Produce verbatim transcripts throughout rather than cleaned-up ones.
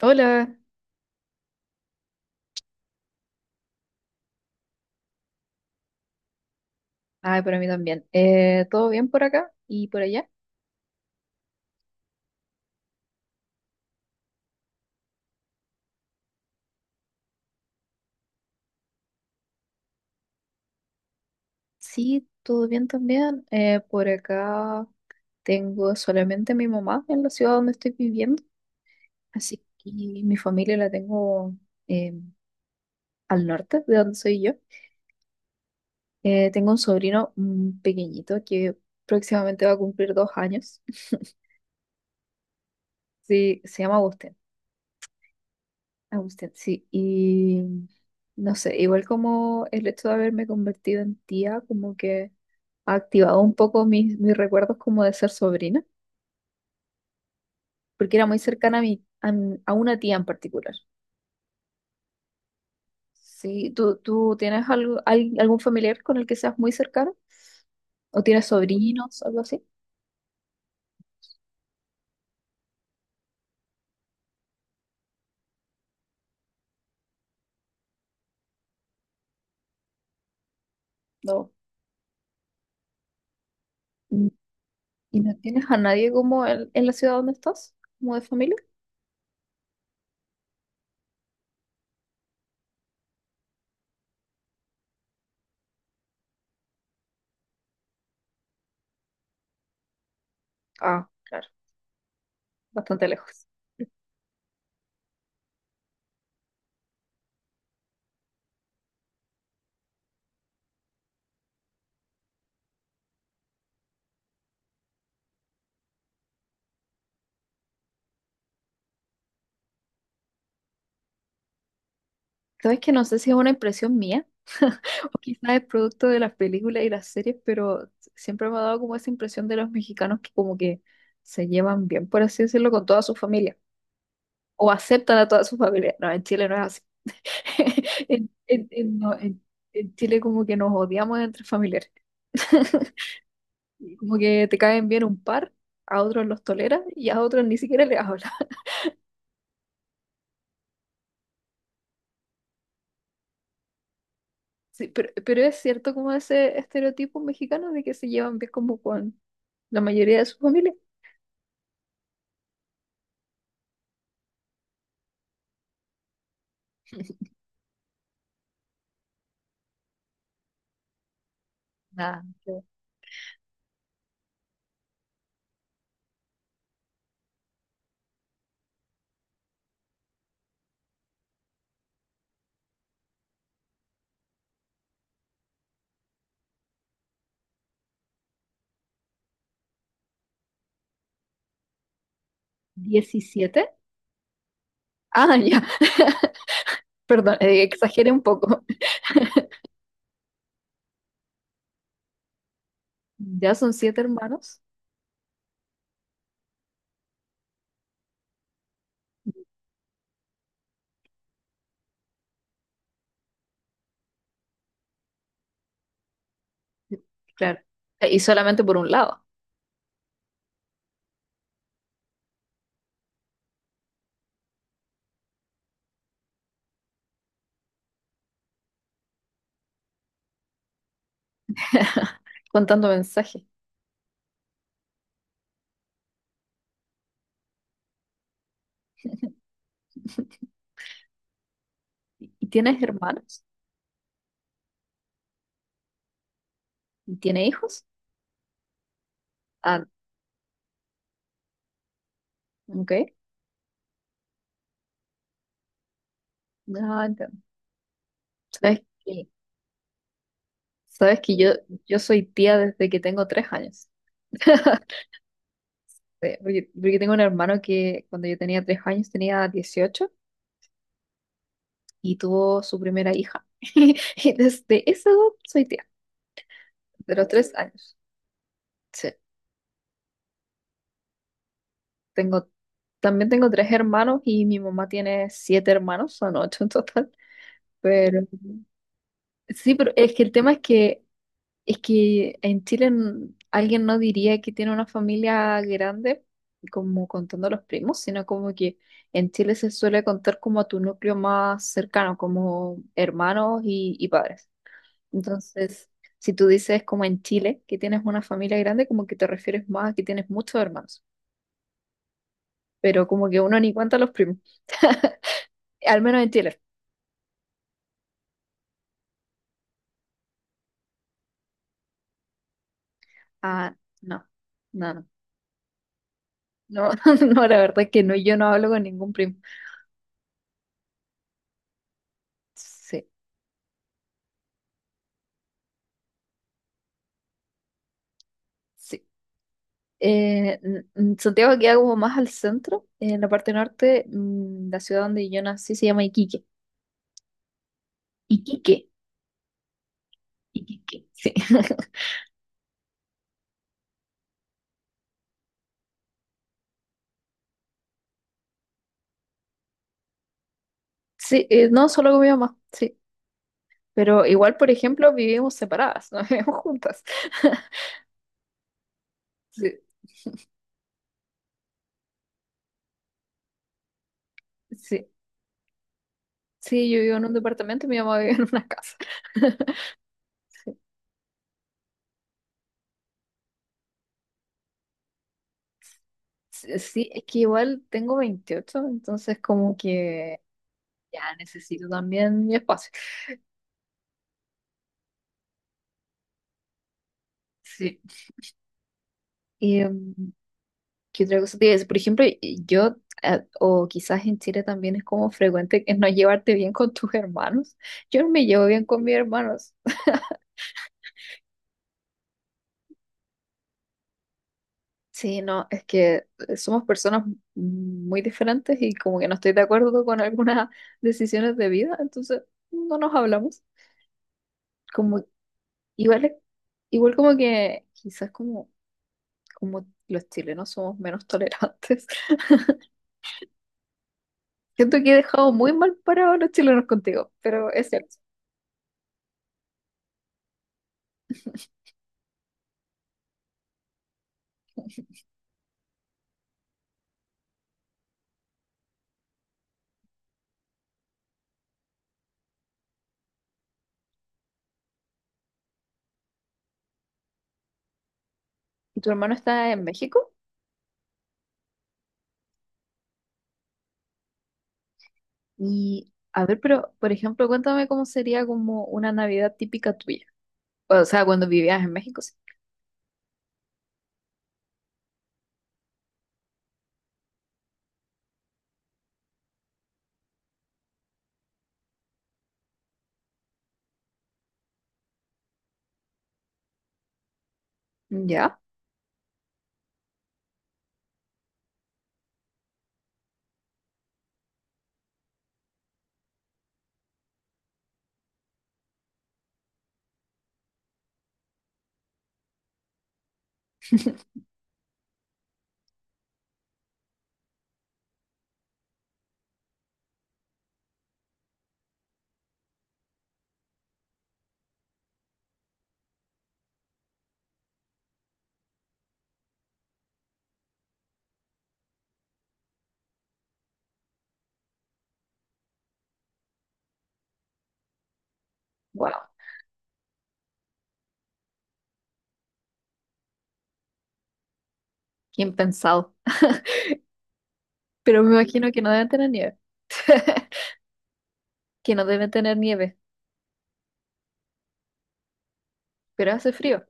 Hola, ay, para mí también. Eh, ¿todo bien por acá y por allá? Sí, todo bien también. Eh, por acá tengo solamente a mi mamá en la ciudad donde estoy viviendo, así que mi familia la tengo eh, al norte, de donde soy yo. Eh, tengo un sobrino mm, pequeñito que próximamente va a cumplir dos años. Sí, se llama Agustín. Agustín, sí. Y no sé, igual como el hecho de haberme convertido en tía, como que activado un poco mis, mis recuerdos como de ser sobrina, porque era muy cercana a, mi, a, mi- a una tía en particular. Sí, ¿tú, tú tienes algo, al- algún familiar con el que seas muy cercano? ¿O tienes sobrinos, algo así? No. Mm, ¿Y no tienes a nadie como en, en la ciudad donde estás? ¿Como de familia? Ah, claro, bastante lejos. Sabes que no sé si es una impresión mía o quizás es producto de las películas y las series, pero siempre me ha dado como esa impresión de los mexicanos que como que se llevan bien, por así decirlo, con toda su familia. O aceptan a toda su familia. No, en Chile no es así. En, en- en- no, en- en Chile como que nos odiamos entre familiares. Como que te caen bien un par, a otros los toleras y a otros ni siquiera les hablas. Sí, pero, pero es cierto como ese estereotipo mexicano de que se llevan bien como con la mayoría de su familia. Nada, yo- ¿diecisiete? Ah, ya, perdón, eh, exageré un poco. Ya son siete hermanos, claro, Eh, y solamente por un lado, contando mensajes. ¿Y tienes hermanos? ¿Y tiene hijos? Ah, ok. Ah, entiendo. ¿Sabes que, sabes que yo, yo soy tía desde que tengo tres años? Sí, Porque, porque tengo un hermano que cuando yo tenía tres años tenía dieciocho y tuvo su primera hija. Y desde esa edad soy tía, de los tres años. Sí, tengo, también tengo tres hermanos y mi mamá tiene siete hermanos, son ocho en total. Pero sí, pero es que el tema es que es que en Chile n- alguien no diría que tiene una familia grande, como contando a los primos, sino como que en Chile se suele contar como a tu núcleo más cercano, como hermanos y, y padres. Entonces, si tú dices como en Chile que tienes una familia grande, como que te refieres más a que tienes muchos hermanos, pero como que uno ni cuenta a los primos, al menos en Chile. Ah, no, no, no, no, no, la verdad es que no, yo no hablo con ningún primo. Sí. Sí. Eh, n- n- Santiago queda como más al centro, en la parte norte, mm, la ciudad donde yo nací se llama Iquique. Iquique, Iquique, sí. Sí, eh, no, solo con mi mamá, sí. Pero igual, por ejemplo, vivimos separadas, no vivimos juntas. Sí, sí. Sí, yo vivo en un departamento y mi mamá vive en una casa. Sí, sí, sí, es que igual tengo veintiocho, entonces como que ya necesito también mi espacio. Sí. ¿Qué otra cosa te iba a decir? Por ejemplo, yo, eh, o quizás en Chile también es como frecuente que no llevarte bien con tus hermanos. Yo no me llevo bien con mis hermanos. Sí, no, es que eh, somos personas muy diferentes y como que no estoy de acuerdo con algunas decisiones de vida, entonces no nos hablamos. Como igual, es- igual como que quizás como, como los chilenos somos menos tolerantes. Siento que he dejado muy mal parados a los chilenos contigo, pero es cierto. ¿Y tu hermano está en México? Y a ver, pero por ejemplo, cuéntame cómo sería como una Navidad típica tuya. O sea, cuando vivías en México, sí. Ya, wow, bien pensado. Pero me imagino que no deben tener nieve, que no deben tener nieve, pero hace frío.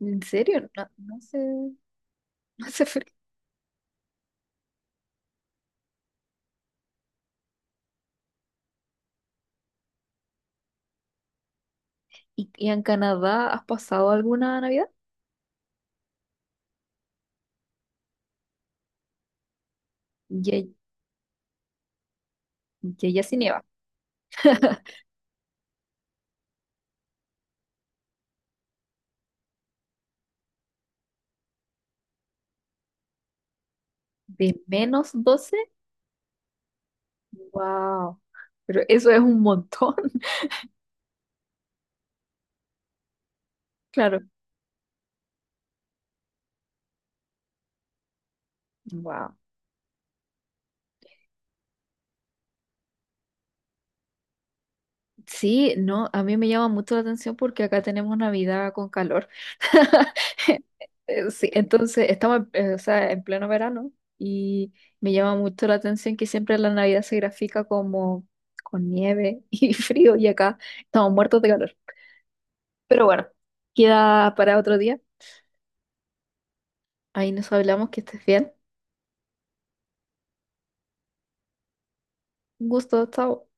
¿En serio? No, no hace, no hace frío. ¿Y, y en Canadá has pasado alguna Navidad? Ya, ya, ya sí nieva. ¿De menos doce? Wow, pero eso es un montón, claro. Wow. Sí, no, a mí me llama mucho la atención porque acá tenemos Navidad con calor. Eh, Sí, entonces estamos, eh, o sea, en pleno verano y me llama mucho la atención que siempre la Navidad se grafica como con nieve y frío y acá estamos muertos de calor. Pero bueno, queda para otro día. Ahí nos hablamos, que estés bien. Un gusto, chao.